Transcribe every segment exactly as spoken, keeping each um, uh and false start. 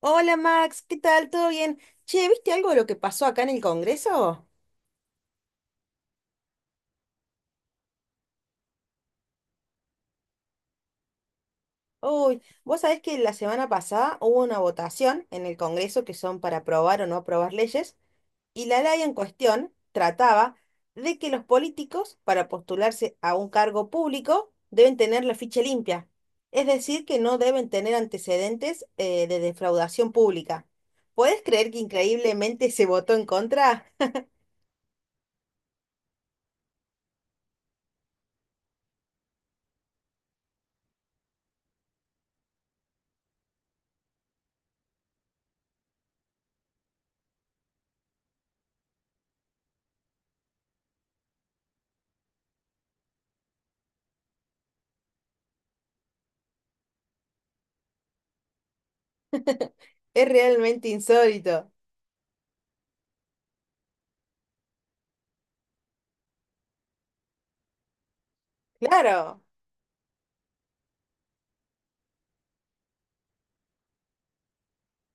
Hola Max, ¿qué tal? ¿Todo bien? Che, ¿viste algo de lo que pasó acá en el Congreso? Uy, vos sabés que la semana pasada hubo una votación en el Congreso que son para aprobar o no aprobar leyes y la ley en cuestión trataba de que los políticos para postularse a un cargo público deben tener la ficha limpia, es decir, que no deben tener antecedentes eh, de defraudación pública. ¿Podés creer que increíblemente se votó en contra? Es realmente insólito. Claro.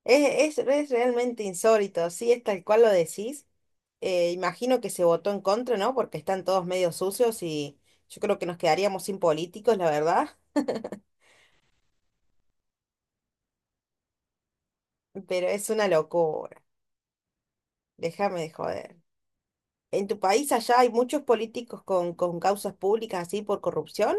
Es, es, es realmente insólito, sí, es tal cual lo decís. Eh, imagino que se votó en contra, ¿no? Porque están todos medio sucios y yo creo que nos quedaríamos sin políticos, la verdad. Pero es una locura. Déjame de joder. ¿En tu país allá hay muchos políticos con, con causas públicas así por corrupción?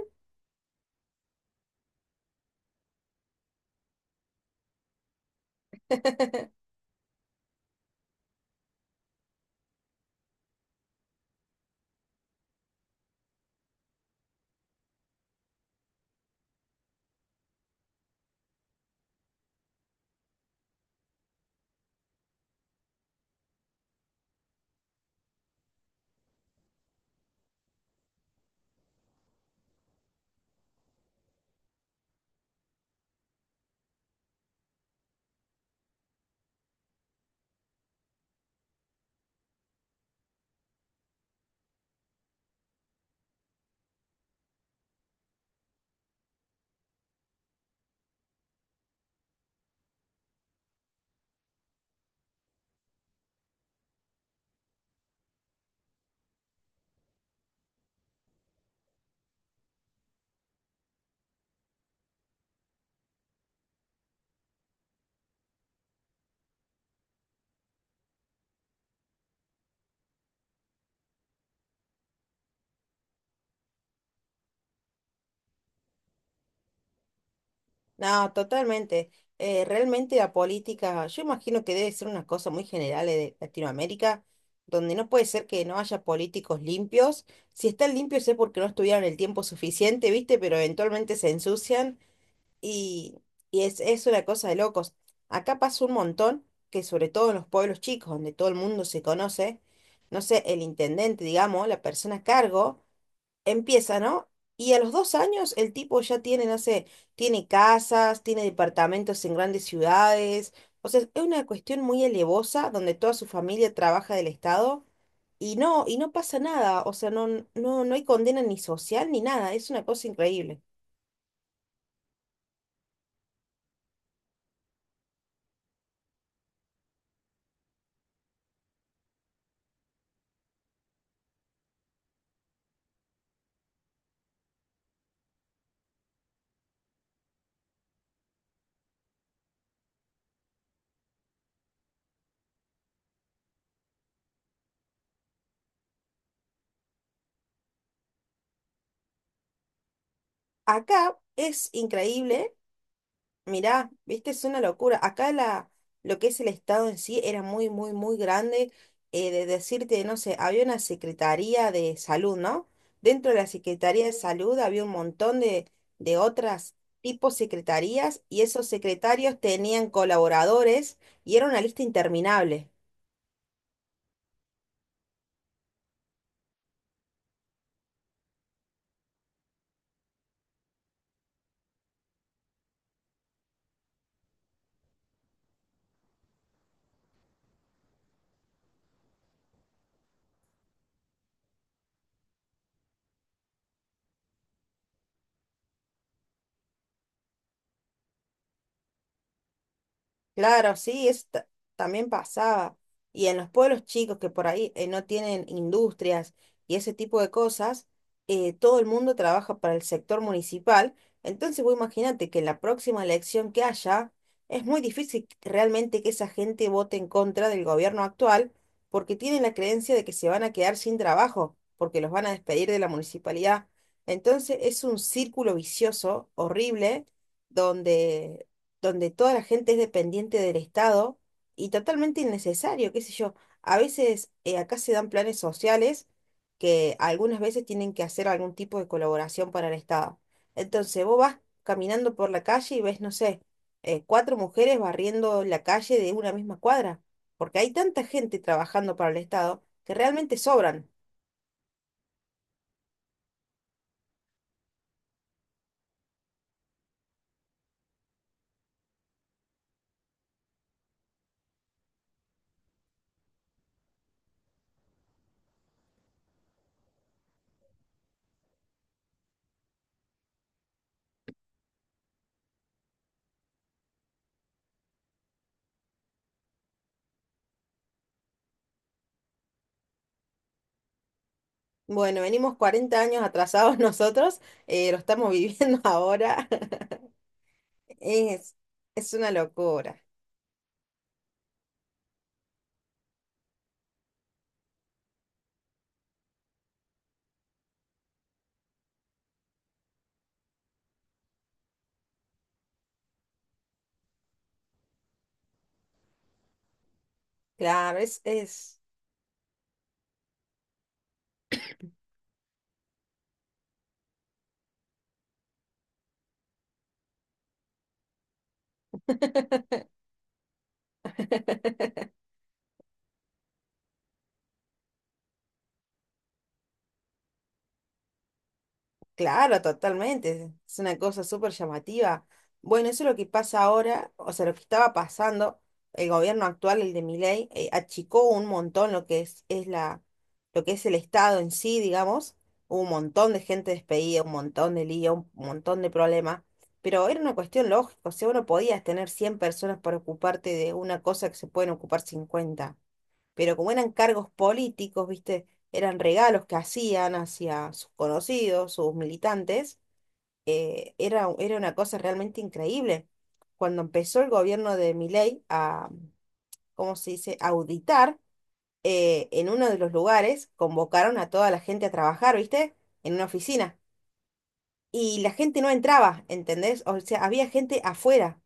No, totalmente. Eh, realmente la política, yo imagino que debe ser una cosa muy general de Latinoamérica, donde no puede ser que no haya políticos limpios. Si están limpios es porque no estuvieron el tiempo suficiente, ¿viste? Pero eventualmente se ensucian y, y es, es una cosa de locos. Acá pasa un montón que sobre todo en los pueblos chicos, donde todo el mundo se conoce, no sé, el intendente, digamos, la persona a cargo. Empieza, ¿no? Y a los dos años el tipo ya tiene, no sé, tiene casas, tiene departamentos en grandes ciudades. O sea, es una cuestión muy elevosa donde toda su familia trabaja del Estado y no, y no pasa nada. O sea, no, no, no hay condena ni social ni nada. Es una cosa increíble. Acá es increíble. Mirá, viste, es una locura. Acá la, lo que es el Estado en sí era muy, muy, muy grande. Eh, de decirte, no sé, había una Secretaría de Salud, ¿no? Dentro de la Secretaría de Salud había un montón de, de otras tipos secretarías y esos secretarios tenían colaboradores y era una lista interminable. Claro, sí, eso ta- también pasaba. Y en los pueblos chicos que por ahí eh, no tienen industrias y ese tipo de cosas, eh, todo el mundo trabaja para el sector municipal. Entonces, vos imagínate que en la próxima elección que haya, es muy difícil que- realmente que esa gente vote en contra del gobierno actual porque tienen la creencia de que se van a quedar sin trabajo, porque los van a despedir de la municipalidad. Entonces, es un círculo vicioso horrible donde donde toda la gente es dependiente del Estado y totalmente innecesario, qué sé yo. A veces eh, acá se dan planes sociales que algunas veces tienen que hacer algún tipo de colaboración para el Estado. Entonces vos vas caminando por la calle y ves, no sé, eh, cuatro mujeres barriendo la calle de una misma cuadra, porque hay tanta gente trabajando para el Estado que realmente sobran. Bueno, venimos cuarenta años atrasados nosotros, eh, lo estamos viviendo ahora. Es, es una locura. Claro, es, es, claro, totalmente. Es una cosa súper llamativa. Bueno, eso es lo que pasa ahora, o sea, lo que estaba pasando, el gobierno actual, el de Milei, eh, achicó un montón lo que es, es la, lo que es el Estado en sí, digamos. Hubo un montón de gente despedida, un montón de lío, un montón de problemas. Pero era una cuestión lógica, o sea, vos no podías tener cien personas para ocuparte de una cosa que se pueden ocupar cincuenta, pero como eran cargos políticos, ¿viste? Eran regalos que hacían hacia sus conocidos, sus militantes, eh, era, era una cosa realmente increíble. Cuando empezó el gobierno de Milei a, ¿cómo se dice?, auditar, eh, en uno de los lugares convocaron a toda la gente a trabajar, ¿viste? En una oficina. Y la gente no entraba, ¿entendés? O sea, había gente afuera.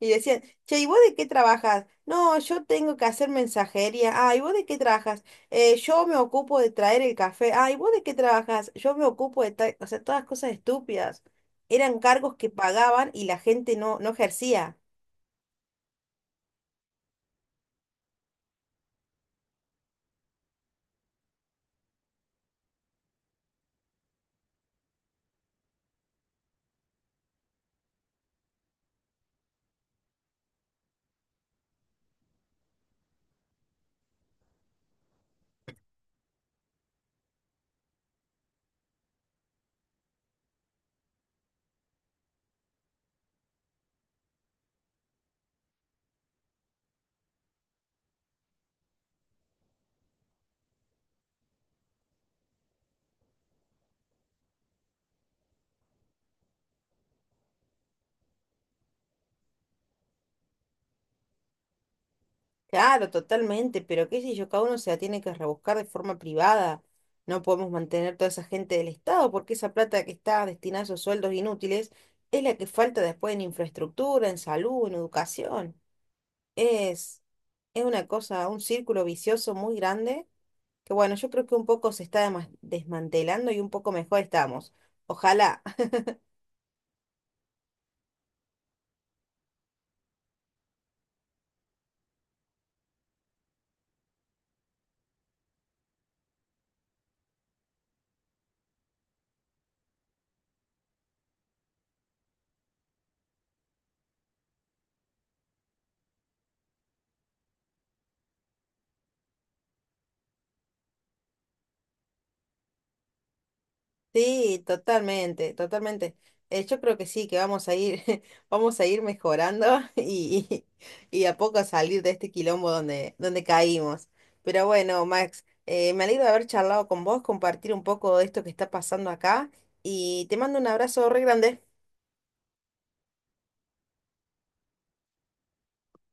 Y decían, che, ¿y vos de qué trabajas? No, yo tengo que hacer mensajería. Ah, ¿y vos de qué trabajas? "Eh, yo me ocupo de traer el café. Ah, ¿y vos de qué trabajas? Yo me ocupo de traer... O sea, todas cosas estúpidas. Eran cargos que pagaban y la gente no, no ejercía. Claro, totalmente, pero qué sé yo, cada uno se la tiene que rebuscar de forma privada. No podemos mantener toda esa gente del Estado porque esa plata que está destinada a esos sueldos inútiles es la que falta después en infraestructura, en salud, en educación. Es, es una cosa, un círculo vicioso muy grande, que bueno, yo creo que un poco se está dema- desmantelando y un poco mejor estamos. Ojalá. Sí, totalmente, totalmente. Eh, yo creo que sí, que vamos a ir, vamos a ir mejorando y, y a poco a salir de este quilombo donde, donde caímos. Pero bueno, Max, eh, me alegro de haber charlado con vos, compartir un poco de esto que está pasando acá y te mando un abrazo re grande.